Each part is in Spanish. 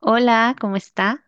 Hola, ¿cómo está?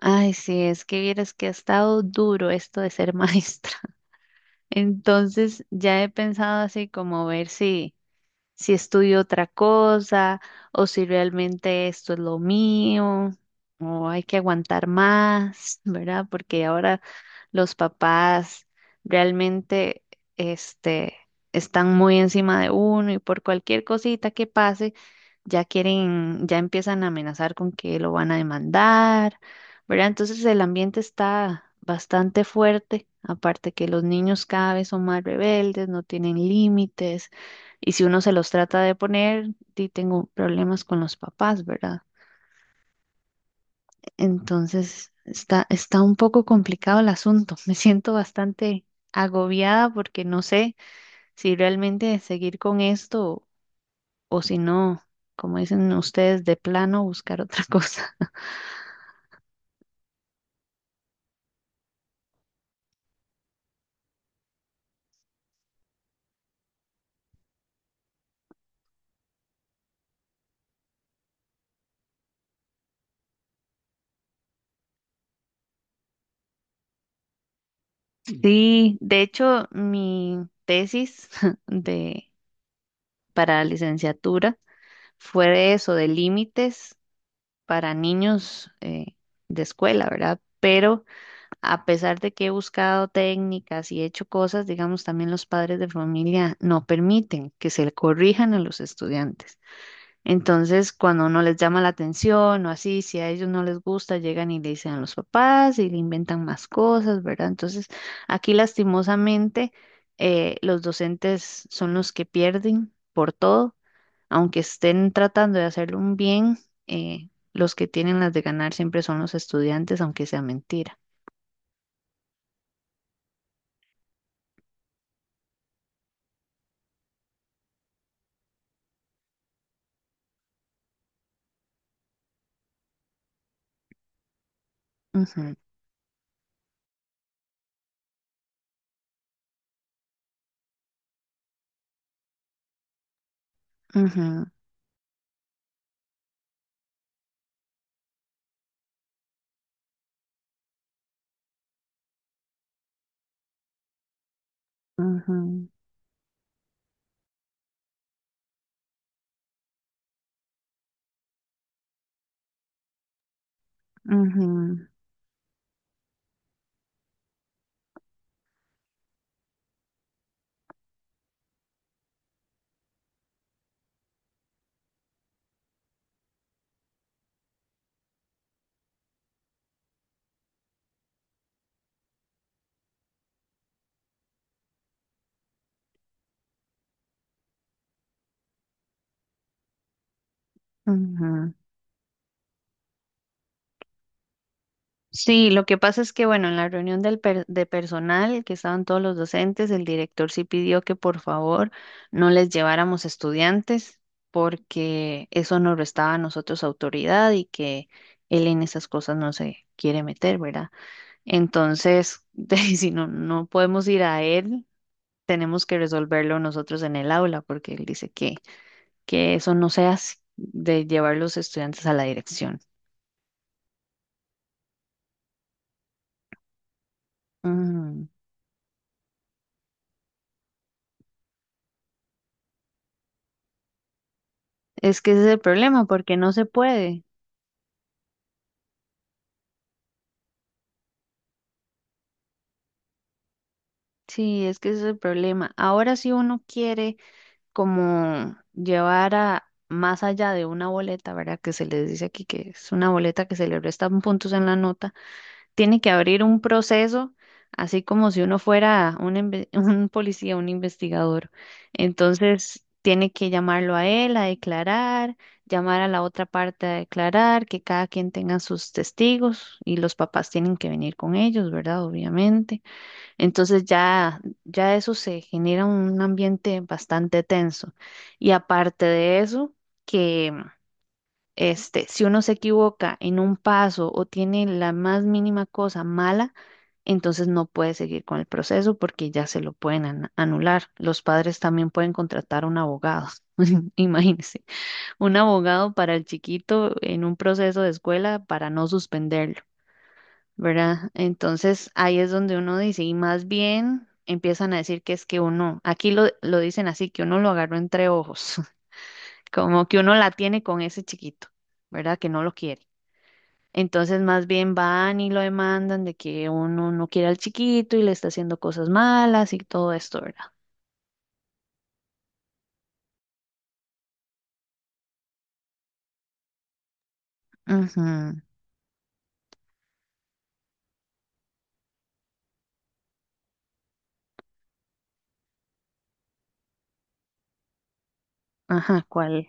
Ay, sí, es que vieras que ha estado duro esto de ser maestra. Entonces ya he pensado así como ver si, si estudio otra cosa o si realmente esto es lo mío o hay que aguantar más, ¿verdad? Porque ahora los papás realmente este, están muy encima de uno y por cualquier cosita que pase ya quieren, ya empiezan a amenazar con que lo van a demandar, ¿verdad? Entonces el ambiente está bastante fuerte, aparte que los niños cada vez son más rebeldes, no tienen límites, y si uno se los trata de poner, sí tengo problemas con los papás, ¿verdad? Entonces está un poco complicado el asunto, me siento bastante agobiada porque no sé si realmente seguir con esto o si no, como dicen ustedes, de plano buscar otra cosa. Sí, de hecho, mi tesis de para licenciatura fue de eso, de límites para niños de escuela, ¿verdad? Pero a pesar de que he buscado técnicas y he hecho cosas, digamos, también los padres de familia no permiten que se le corrijan a los estudiantes. Entonces, cuando no les llama la atención o así, si a ellos no les gusta, llegan y le dicen a los papás y le inventan más cosas, ¿verdad? Entonces, aquí lastimosamente, los docentes son los que pierden por todo, aunque estén tratando de hacer un bien, los que tienen las de ganar siempre son los estudiantes, aunque sea mentira. Ujú, ujú, ujú, ujú, ujú. Sí, lo que pasa es que, bueno, en la reunión de personal, que estaban todos los docentes, el director sí pidió que por favor no les lleváramos estudiantes porque eso nos restaba a nosotros autoridad y que él en esas cosas no se quiere meter, ¿verdad? Entonces, si no, no podemos ir a él, tenemos que resolverlo nosotros en el aula porque él dice que eso no se hace de llevar los estudiantes a la dirección. Mm. Es que ese es el problema, porque no se puede. Sí, es que ese es el problema. Ahora si uno quiere como llevar a más allá de una boleta, ¿verdad? Que se les dice aquí que es una boleta que se le restan puntos en la nota, tiene que abrir un proceso, así como si uno fuera un policía, un investigador. Entonces, tiene que llamarlo a él a declarar, llamar a la otra parte a declarar, que cada quien tenga sus testigos y los papás tienen que venir con ellos, ¿verdad? Obviamente. Entonces ya eso se genera un ambiente bastante tenso. Y aparte de eso, que si uno se equivoca en un paso o tiene la más mínima cosa mala, entonces no puede seguir con el proceso porque ya se lo pueden anular. Los padres también pueden contratar un abogado. Imagínense, un abogado para el chiquito en un proceso de escuela para no suspenderlo. ¿Verdad? Entonces ahí es donde uno dice, y más bien empiezan a decir que es que uno, aquí lo dicen así, que uno lo agarró entre ojos, como que uno la tiene con ese chiquito, ¿verdad? Que no lo quiere. Entonces más bien van y lo demandan de que uno no quiere al chiquito y le está haciendo cosas malas y todo esto, ¿verdad? Ujú, ajá, ¿cuál?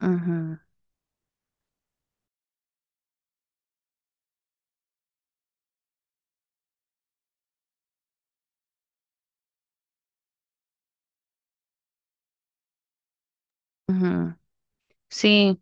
Ujú, ujú. Sí,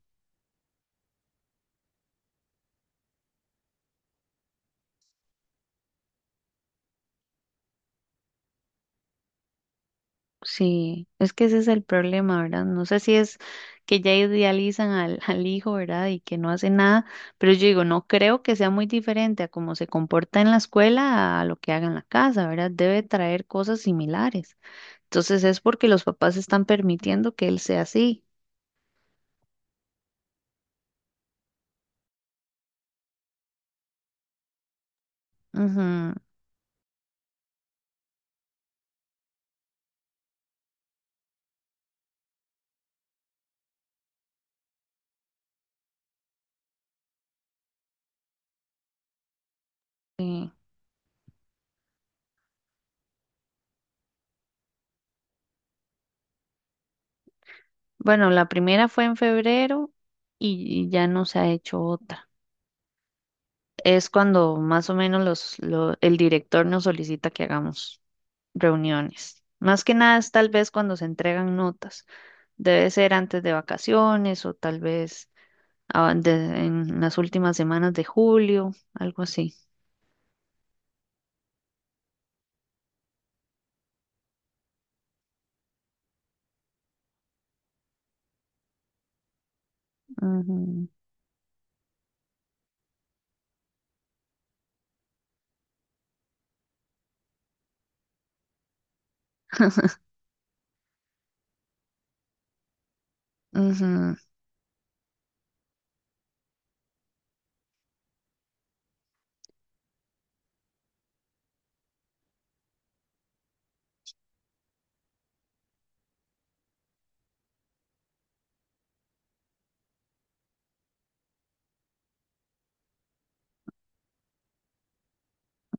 sí, es que ese es el problema, ¿verdad? No sé si es que ya idealizan al, al hijo, ¿verdad? Y que no hace nada, pero yo digo, no creo que sea muy diferente a cómo se comporta en la escuela a lo que haga en la casa, ¿verdad? Debe traer cosas similares. Entonces es porque los papás están permitiendo que él sea así. Ujú, sí. Bueno, la primera fue en febrero y ya no se ha hecho otra. Es cuando más o menos el director nos solicita que hagamos. Reuniones. Más que nada es tal vez cuando se entregan notas. Debe ser antes de vacaciones o tal vez ah, de- en las últimas semanas de julio, algo así. Ujú, ujú,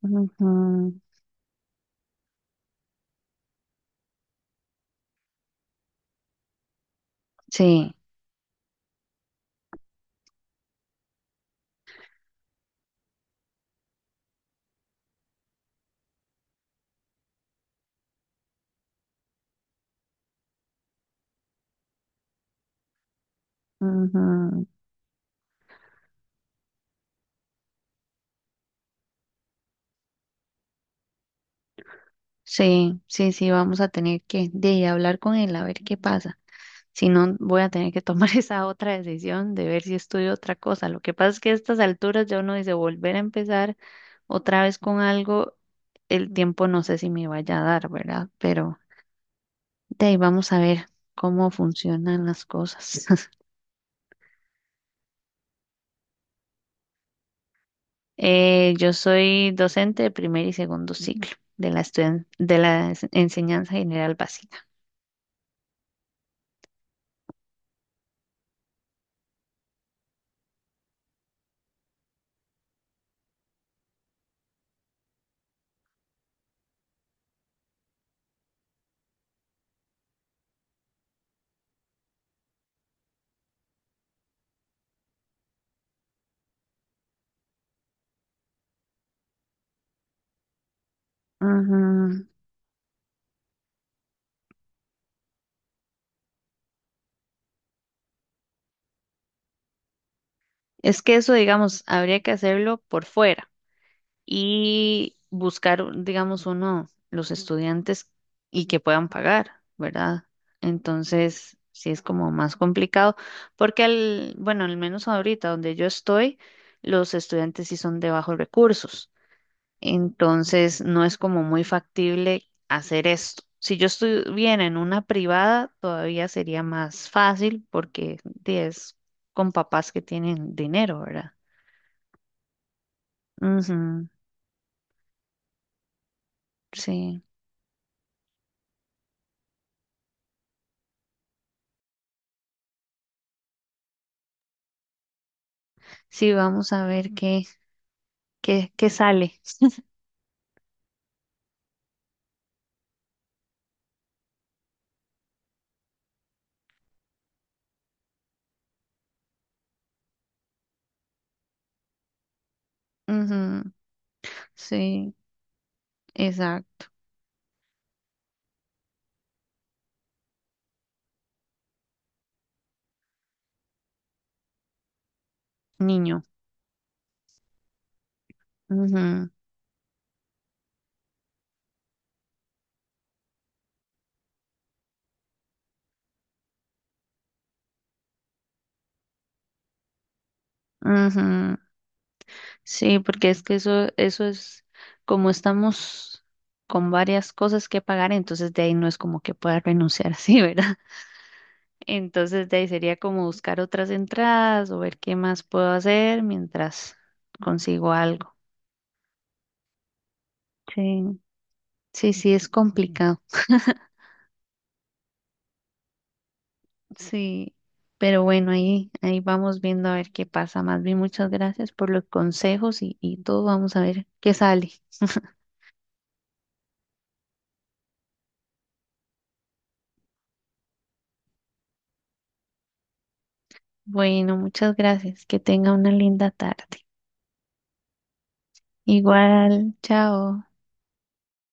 ujú. Sí, ujú. Sí, sí, sí, vamos a tener que hablar con él a ver qué pasa. Si no, voy a tener que tomar esa otra decisión de ver si estudio otra cosa. Lo que pasa es que a estas alturas ya uno dice volver a empezar otra vez con algo, el tiempo no sé si me vaya a dar, ¿verdad? Pero de ahí vamos a ver cómo funcionan las cosas. Yo soy docente de primer y segundo ciclo de la estudian- de la ens- enseñanza general básica. Ujú. Es que eso, digamos, habría que hacerlo por fuera. Y buscar, digamos, uno, los estudiantes y que puedan pagar, ¿verdad? Entonces, sí es como más complicado, porque al, bueno, al menos ahorita donde yo estoy, los estudiantes sí son de bajos recursos, entonces no es como muy factible hacer esto. Si yo estuviera en una privada, todavía sería más fácil porque di, es con papás que tienen dinero, ¿verdad? Ujú, sí. Sí, vamos a ver qué sale. Ujú, sí, exacto. Niño. Ujú, ujú. Sí, porque es que eso es como estamos con varias cosas que pagar, entonces de ahí no es como que pueda renunciar así, ¿verdad? Entonces de ahí sería como buscar otras entradas o ver qué más puedo hacer mientras consigo algo. Sí, sí, sí, es complicado. Sí, pero bueno, ahí vamos viendo a ver qué pasa. Más bien, muchas gracias por los consejos y todo. Vamos a ver qué sale. Bueno, muchas gracias. Que tenga una linda tarde. Igual, chao.